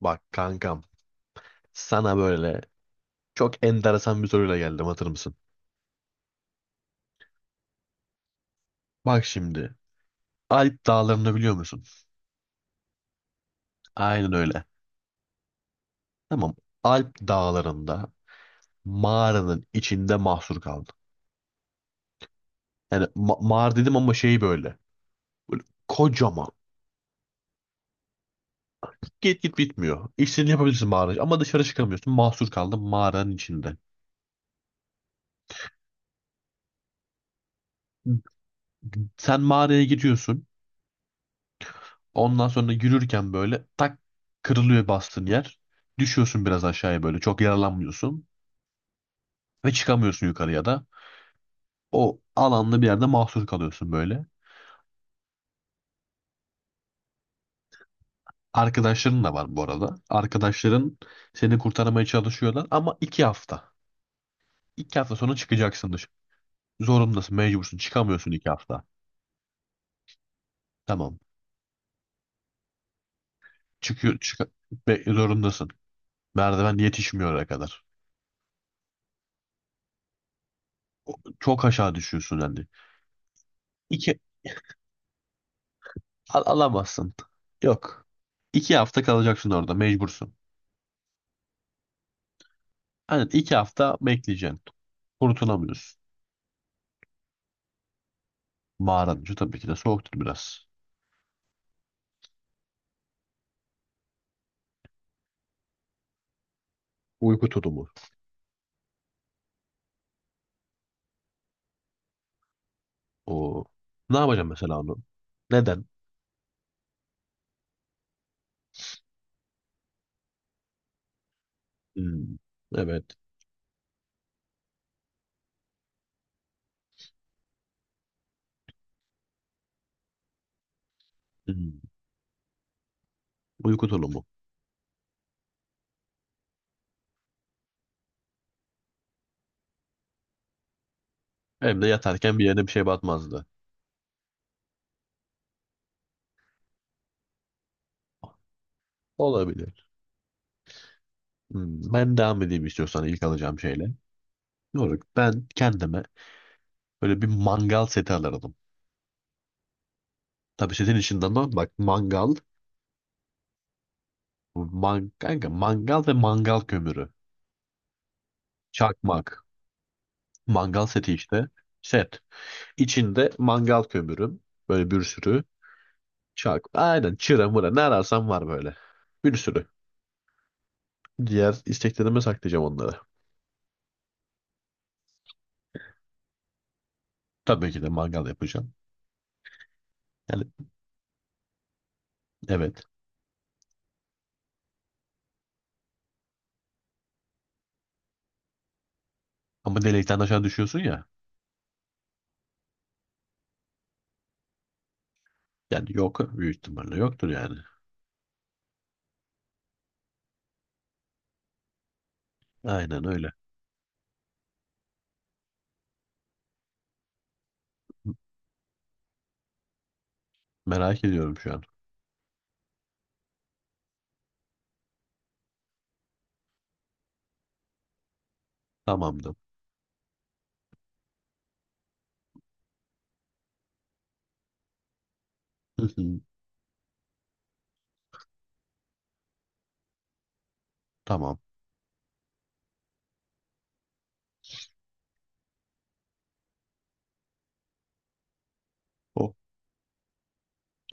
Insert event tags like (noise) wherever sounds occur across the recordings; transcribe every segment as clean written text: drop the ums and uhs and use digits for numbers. Bak kankam sana böyle çok enteresan bir soruyla geldim hatır mısın? Bak şimdi Alp dağlarını biliyor musun? Aynen öyle. Tamam. Alp dağlarında mağaranın içinde mahsur kaldım. Yani mağara dedim ama şey böyle. Böyle kocaman. Git git bitmiyor. İstediğini yapabilirsin mağarada ama dışarı çıkamıyorsun. Mahsur kaldım mağaranın içinde. Sen mağaraya giriyorsun. Ondan sonra yürürken böyle tak, kırılıyor bastığın yer. Düşüyorsun biraz aşağıya böyle. Çok yaralanmıyorsun. Ve çıkamıyorsun yukarıya da. O alanlı bir yerde mahsur kalıyorsun böyle. Arkadaşların da var bu arada. Arkadaşların seni kurtarmaya çalışıyorlar ama 2 hafta. 2 hafta sonra çıkacaksın dışarı. Zorundasın, mecbursun. Çıkamıyorsun 2 hafta. Tamam. Çıkıyor, zorundasın. Merdiven yetişmiyor oraya kadar. Çok aşağı düşüyorsun hani. İki alamazsın. Yok. 2 hafta kalacaksın orada, mecbursun. Hani 2 hafta bekleyeceksin. Kurtulamıyorsun. Mağaranın içi tabii ki de soğuktur biraz. Uyku tutumu. O. Ne yapacağım mesela onu? Neden? Hmm. Evet. Hmm. Uyku tulumu. Hem de yatarken bir yerine bir şey batmazdı. Olabilir. Hmm. Ben devam edeyim istiyorsan ilk alacağım şeyle. Doğru. Ben kendime böyle bir mangal seti alırdım. Tabii setin içinde ama bak mangal, man, kanka, mangal ve mangal kömürü. Çakmak. Mangal seti işte. Set. İçinde mangal kömürüm. Böyle bir sürü. Çak. Aynen çıra mıra ne ararsan var böyle. Bir sürü. Diğer isteklerime saklayacağım onları. Tabii ki de mangal yapacağım. Yani, evet. Ama delikten aşağı düşüyorsun ya. Yani yok, büyük ihtimalle yoktur yani. Aynen öyle. Merak ediyorum şu an. Tamamdır. Hı hı. Tamam. O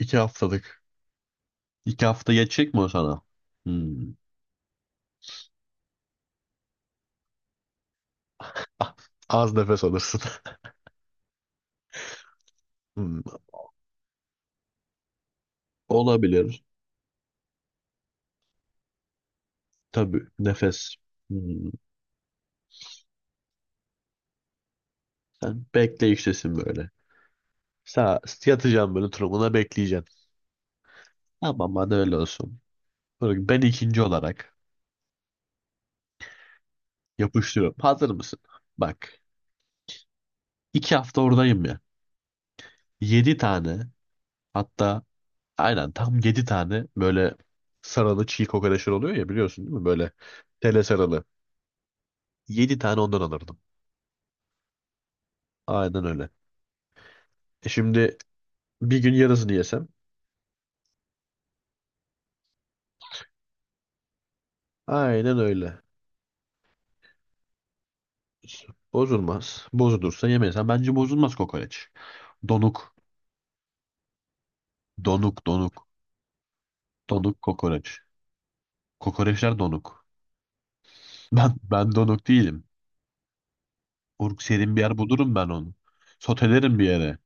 2 haftalık. İki hafta geçecek mi o sana? Hmm. Ah. Az nefes alırsın. (laughs) Hmm. Olabilir. Tabii, nefes. Hmm. Sen bekleyiştesin böyle. Sağ, yatacağım böyle turumuna bekleyeceğim. Tamam, hadi öyle olsun. Böyle, ben ikinci olarak yapıştırıyorum. Hazır mısın? Bak. 2 hafta oradayım ya. Yedi tane, hatta aynen tam yedi tane böyle sarılı çiğ kokoreçler oluyor ya, biliyorsun değil mi? Böyle tele sarılı. Yedi tane ondan alırdım. Aynen öyle. E şimdi bir gün yarısını yesem. Aynen öyle. Bozulmaz. Bozulursa yemeyesen, bence bozulmaz kokoreç. Donuk. Donuk donuk. Donuk kokoreç. Kokoreçler donuk. (laughs) Ben donuk değilim. Uruk serin bir yer bulurum ben onu. Sotelerim bir yere.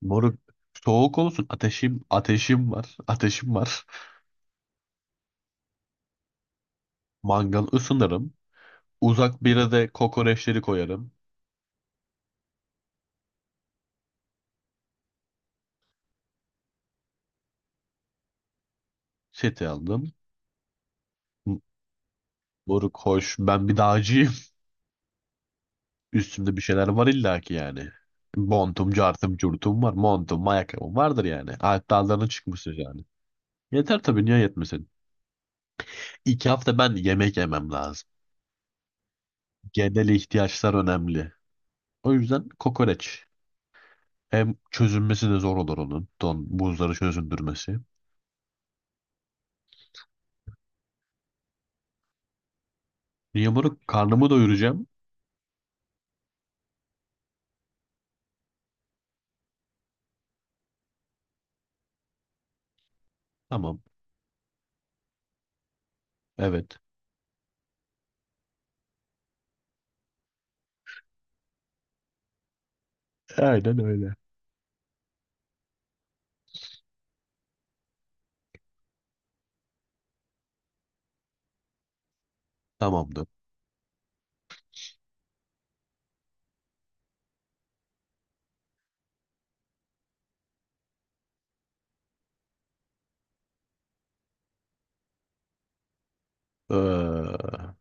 Moruk soğuk olsun. Ateşim var. Ateşim var. Mangal ısınırım. Uzak bir yere de kokoreçleri koyarım. Seti aldım. M- Moruk hoş. Ben bir dağcıyım. (laughs) Üstümde bir şeyler var illaki yani. Montum, cartım, curtum var. Montum, ayakkabım vardır yani. Alp dağlarına çıkmışız yani. Yeter tabii, niye yetmesin? İki hafta ben yemek yemem lazım. Genel ihtiyaçlar önemli. O yüzden kokoreç. Hem çözünmesi de zor olur onun. Don, buzları çözündürmesi. Niye bunu karnımı doyuracağım? Tamam. Evet. Aynen öyle. Tamamdır. Ee,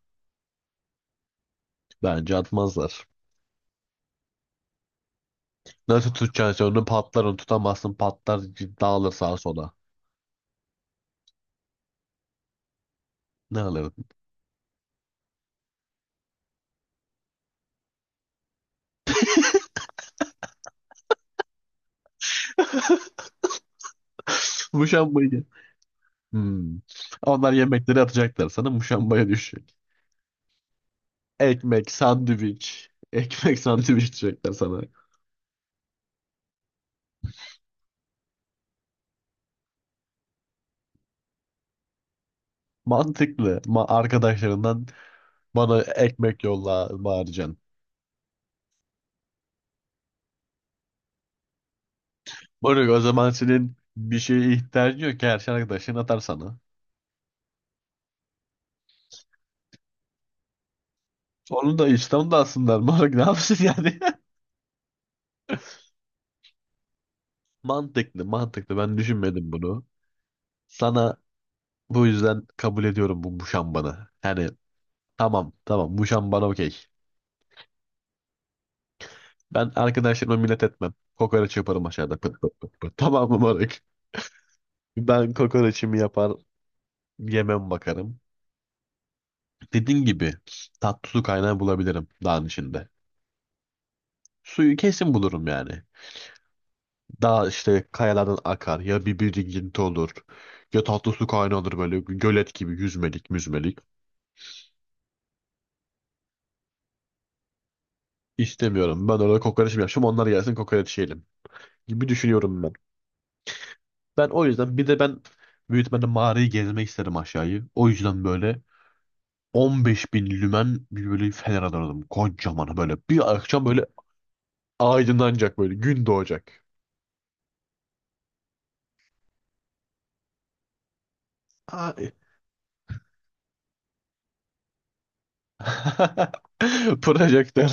bence atmazlar. Nasıl tutacaksın onu, patlar, onu tutamazsın, patlar, dağılır sağa sola. Ne alırdın? (laughs) Muşambayı. Hmm. Onlar yemekleri atacaklar, sana muşambaya düşecek. Ekmek, sandviç. Ekmek (laughs) sandviç diyecekler sana. Mantıklı. Ma arkadaşlarından bana ekmek yolla bağıracaksın. Böyle o zaman senin bir şeye ihtiyacın yok ki, her şey arkadaşın atar sana. Onu da İslam'da alsınlar. Moruk (laughs) ne yapsın yani? (laughs) Mantıklı, mantıklı. Ben düşünmedim bunu. Sana bu yüzden kabul ediyorum bu muşambanı. Yani tamam, tamam. Muşambana okey. Ben arkadaşlarıma minnet etmem. Kokoreç yaparım aşağıda. Pıt pıt pıt pıt. Tamam mı moruk? Ben kokoreçimi yapar, yemem bakarım. Dediğin gibi tatlı su kaynağı bulabilirim dağın içinde. Suyu kesin bulurum yani. Dağ işte, kayalardan akar ya, bir birikinti olur ya, tatlı su kaynağı olur böyle gölet gibi, yüzmelik müzmelik. İstemiyorum, ben orada kokoreç mi yapacağım, onlar gelsin kokoreç yiyelim gibi düşünüyorum ben. Ben o yüzden, bir de ben büyük ihtimalle mağarayı gezmek isterim aşağıyı. O yüzden böyle 15 bin lümen bir böyle fener alırdım, kocaman böyle, bir akşam böyle aydınlanacak, böyle gün doğacak. Ay. (laughs) Projektör.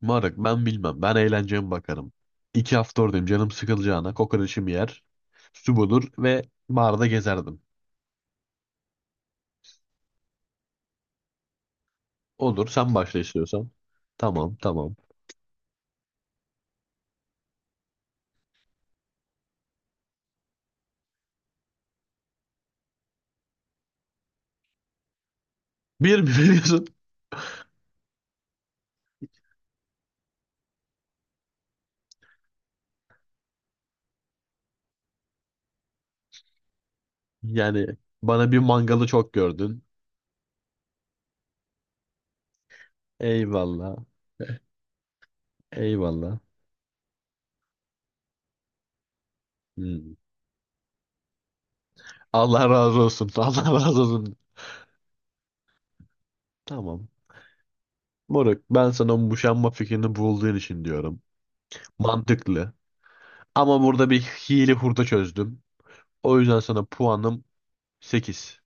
Moruk ben bilmem. Ben eğlenceye bakarım. 2 hafta oradayım. Canım sıkılacağına kokoreçimi yer, su bulur ve barda gezerdim. Olur, sen başla istiyorsan. Tamam, tamam. Bir (laughs) mi veriyorsun? Yani bana bir mangalı çok gördün. Eyvallah. Eyvallah. Hmm. Allah razı olsun. (laughs) Allah razı olsun. Tamam. Moruk, ben sana bu boşanma fikrini bulduğun için diyorum. Mantıklı. Ama burada bir hile hurda çözdüm. O yüzden sana puanım 8.